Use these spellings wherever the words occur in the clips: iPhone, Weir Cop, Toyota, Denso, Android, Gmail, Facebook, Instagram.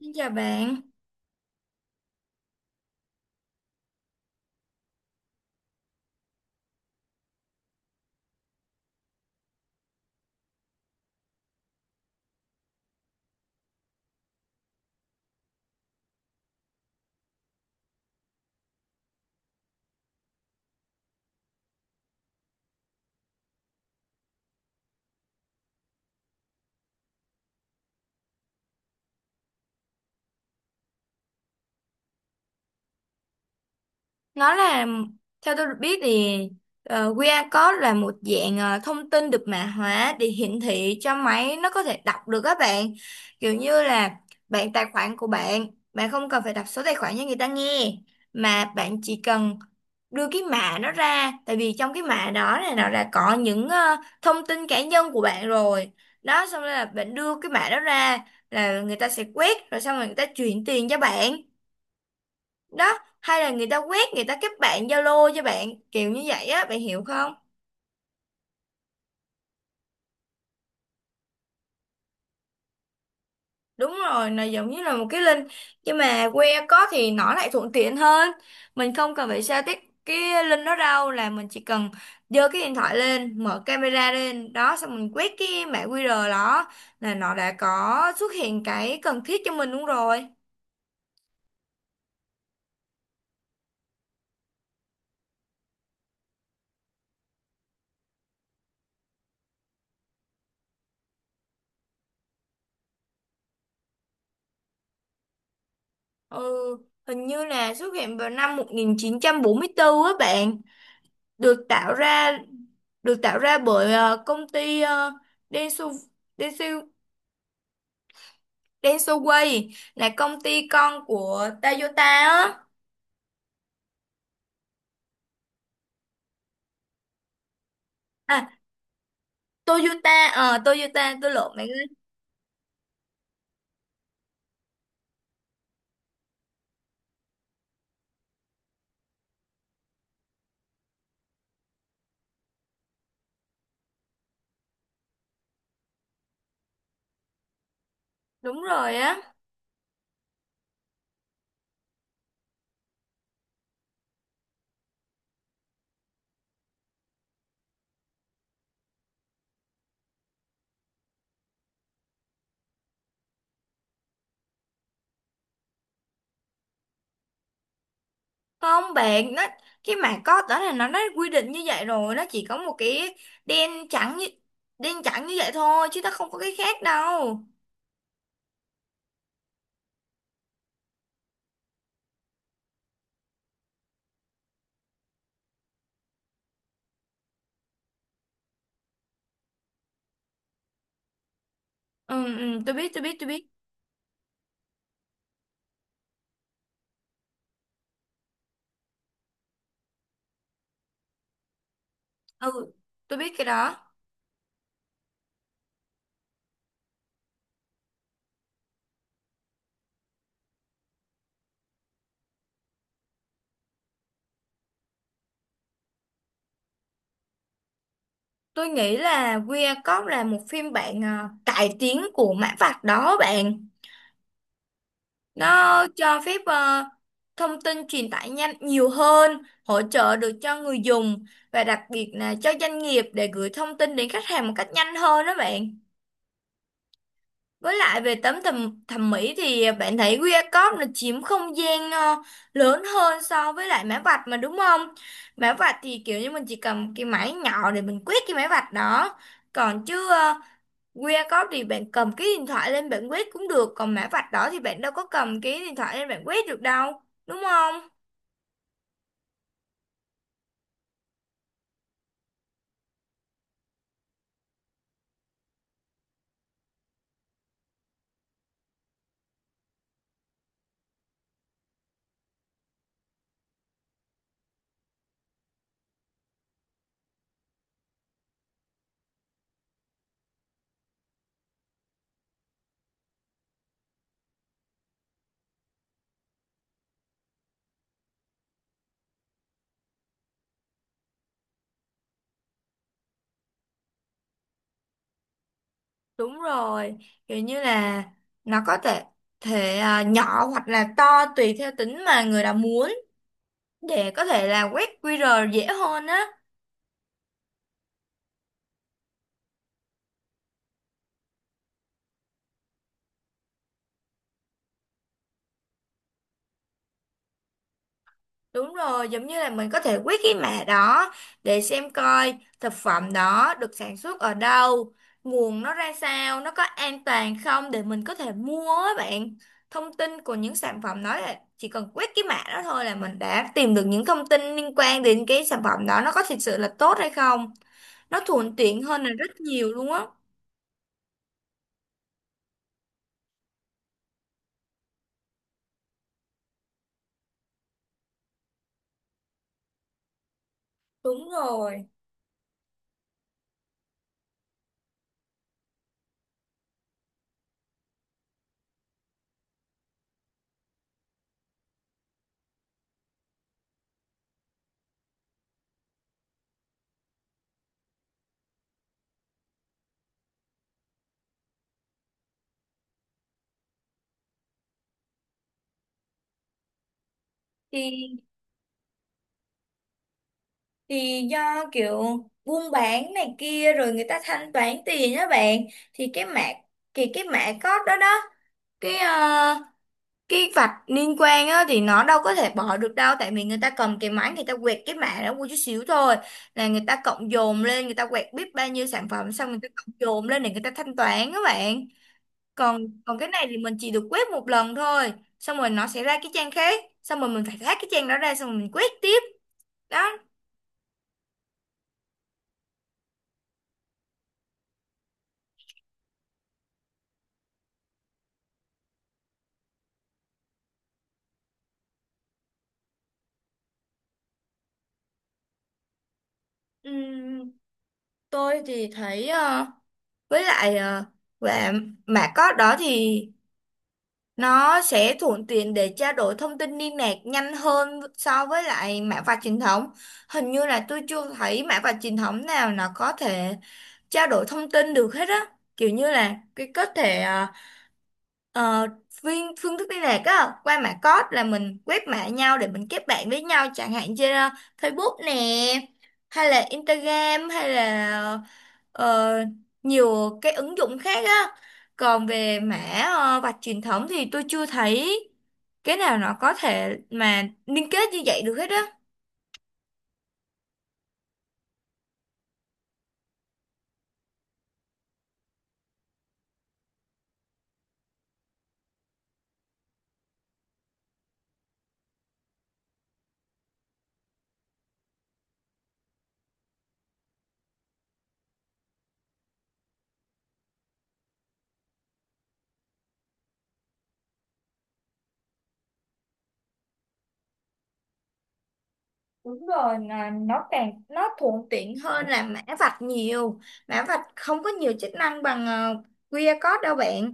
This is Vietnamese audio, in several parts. Xin chào bạn. Nó là, theo tôi được biết thì QR code là một dạng thông tin được mã hóa để hiển thị cho máy nó có thể đọc được các bạn. Kiểu như là bạn, tài khoản của bạn, bạn không cần phải đọc số tài khoản cho người ta nghe mà bạn chỉ cần đưa cái mã nó ra, tại vì trong cái mã đó này nó đã có những thông tin cá nhân của bạn rồi. Đó, xong rồi là bạn đưa cái mã đó ra là người ta sẽ quét, rồi xong rồi người ta chuyển tiền cho bạn đó, hay là người ta quét, người ta kết bạn Zalo cho bạn, kiểu như vậy á, bạn hiểu không? Đúng rồi, là giống như là một cái link, nhưng mà que có thì nó lại thuận tiện hơn, mình không cần phải sao tiếp cái link đó đâu, là mình chỉ cần giơ cái điện thoại lên, mở camera lên đó, xong mình quét cái mã QR đó là nó đã có xuất hiện cái cần thiết cho mình luôn rồi. Ừ, hình như là xuất hiện vào năm 1944 á bạn. Được tạo ra, được tạo ra bởi công ty, Denso, Denso, Densoway, là công ty con của Toyota á. À, Toyota, Toyota tôi lộn bạn ơi. Đúng rồi á. Không bạn, nó cái mảng có đó là nó quy định như vậy rồi, nó chỉ có một cái đen trắng như, đen trắng như vậy thôi chứ nó không có cái khác đâu. Ừ, ừ tôi biết, tôi biết, tôi biết. Ừ, tôi biết cái đó. Tôi nghĩ là Weir Cop là một phim bạn, cải tiến của mã vạch đó bạn. Nó cho phép thông tin truyền tải nhanh nhiều hơn, hỗ trợ được cho người dùng và đặc biệt là cho doanh nghiệp để gửi thông tin đến khách hàng một cách nhanh hơn đó bạn. Với lại về tấm thẩm mỹ thì bạn thấy Weir Cop nó chiếm không gian lớn hơn so với lại mã vạch mà, đúng không? Mã vạch thì kiểu như mình chỉ cầm cái máy nhỏ để mình quét cái mã vạch đó. Còn chứ QR code thì bạn cầm cái điện thoại lên bạn quét cũng được, còn mã vạch đó thì bạn đâu có cầm cái điện thoại lên bạn quét được đâu, đúng không? Đúng rồi, kiểu như là nó có thể thể à, nhỏ hoặc là to tùy theo tính mà người đó muốn để có thể là quét QR dễ hơn á. Đúng rồi, giống như là mình có thể quét cái mã đó để xem coi thực phẩm đó được sản xuất ở đâu, nguồn nó ra sao, nó có an toàn không để mình có thể mua á bạn. Thông tin của những sản phẩm đó là chỉ cần quét cái mã đó thôi là mình đã tìm được những thông tin liên quan đến cái sản phẩm đó nó có thực sự là tốt hay không. Nó thuận tiện hơn là rất nhiều luôn á. Đúng rồi. Thì, do kiểu buôn bán này kia rồi người ta thanh toán tiền á bạn, thì cái mã, thì cái mã code đó đó, cái cái vạch liên quan á thì nó đâu có thể bỏ được đâu, tại vì người ta cầm cái máy người ta quẹt cái mã đó một chút xíu thôi là người ta cộng dồn lên, người ta quẹt biết bao nhiêu sản phẩm xong người ta cộng dồn lên để người ta thanh toán các bạn. Còn, còn cái này thì mình chỉ được quét một lần thôi, xong rồi nó sẽ ra cái trang khác xong rồi mình phải hack cái trang đó ra xong rồi mình quét tiếp đó. Ừ, tôi thì thấy với lại và mã code đó thì nó sẽ thuận tiện để trao đổi thông tin liên lạc nhanh hơn so với lại mã vạch truyền thống. Hình như là tôi chưa thấy mã vạch truyền thống nào nó có thể trao đổi thông tin được hết á. Kiểu như là cái có thể Ờ, phương thức liên lạc á, qua mã code là mình quét mã nhau để mình kết bạn với nhau chẳng hạn, trên Facebook nè, hay là Instagram, hay là ờ, nhiều cái ứng dụng khác á. Còn về mã vạch truyền thống thì tôi chưa thấy cái nào nó có thể mà liên kết như vậy được hết á. Đúng rồi, là nó càng, nó thuận tiện hơn là mã vạch nhiều. Mã vạch không có nhiều chức năng bằng QR code đâu bạn.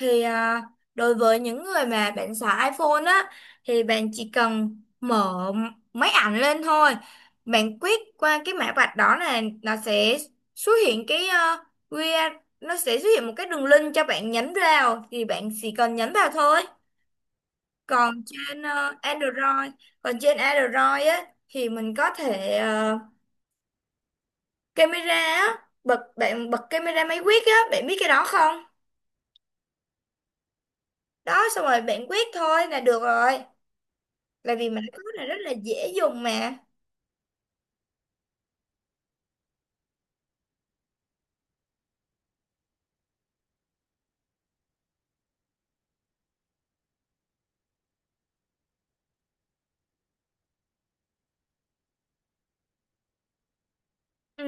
Thì à, đối với những người mà bạn xài iPhone á thì bạn chỉ cần mở máy ảnh lên thôi, bạn quét qua cái mã vạch đó là nó sẽ xuất hiện cái QR, nó sẽ xuất hiện một cái đường link cho bạn nhấn vào, thì bạn chỉ cần nhấn vào thôi. Còn trên Android, còn trên Android á thì mình có thể camera á, bật, bạn bật camera máy quét á, bạn biết cái đó không? Đó, xong rồi bạn quét thôi là được rồi, tại vì mã code này rất là dễ dùng mà. Ừ.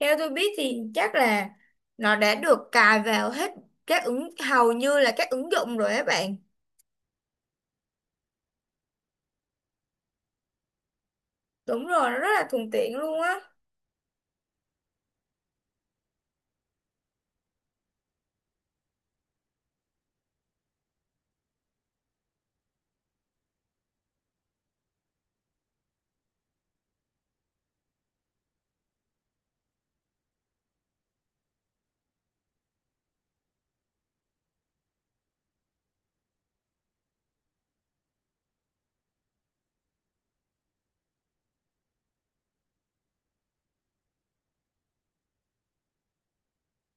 Theo tôi biết thì chắc là nó đã được cài vào hết các ứng, hầu như là các ứng dụng rồi các bạn. Đúng rồi, nó rất là thuận tiện luôn á.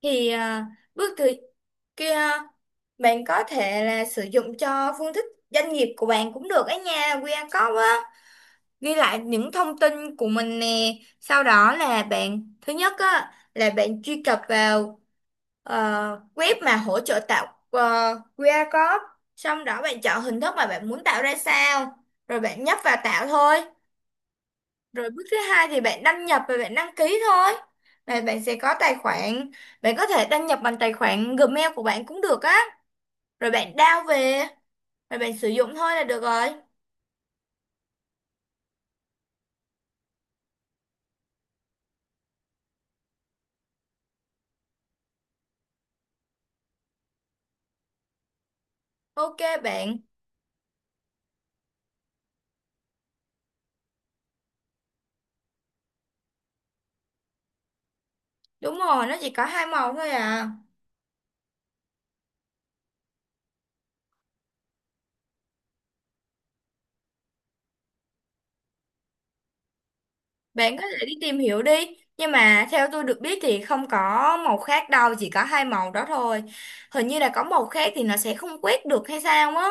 Thì à, bước thứ, kia, bạn có thể là sử dụng cho phương thức doanh nghiệp của bạn cũng được á nha, QR code á, ghi lại những thông tin của mình nè, sau đó là bạn, thứ nhất á là bạn truy cập vào web mà hỗ trợ tạo QR code, xong đó bạn chọn hình thức mà bạn muốn tạo ra sao rồi bạn nhấp vào tạo thôi. Rồi bước thứ 2 thì bạn đăng nhập và bạn đăng ký thôi, và bạn sẽ có tài khoản. Bạn có thể đăng nhập bằng tài khoản Gmail của bạn cũng được á, rồi bạn download về rồi bạn sử dụng thôi là được rồi. OK bạn. Đúng rồi, nó chỉ có 2 màu thôi à. Bạn có thể đi tìm hiểu đi. Nhưng mà theo tôi được biết thì không có màu khác đâu, chỉ có hai màu đó thôi. Hình như là có màu khác thì nó sẽ không quét được hay sao á.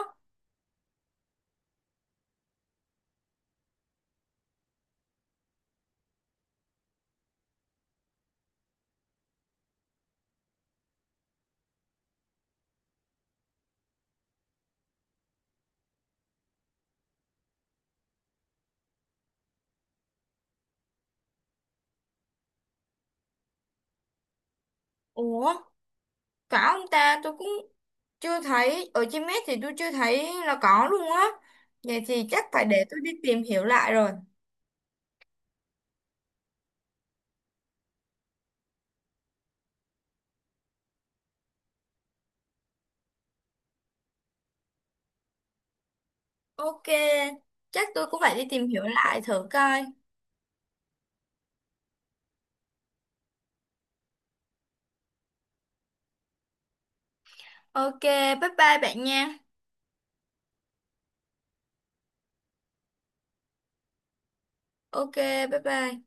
Ủa, có ông ta, tôi cũng chưa thấy, ở trên net thì tôi chưa thấy là có luôn á. Vậy thì chắc phải để tôi đi tìm hiểu lại rồi. OK, chắc tôi cũng phải đi tìm hiểu lại thử coi. OK, bye bye bạn nha. OK, bye bye.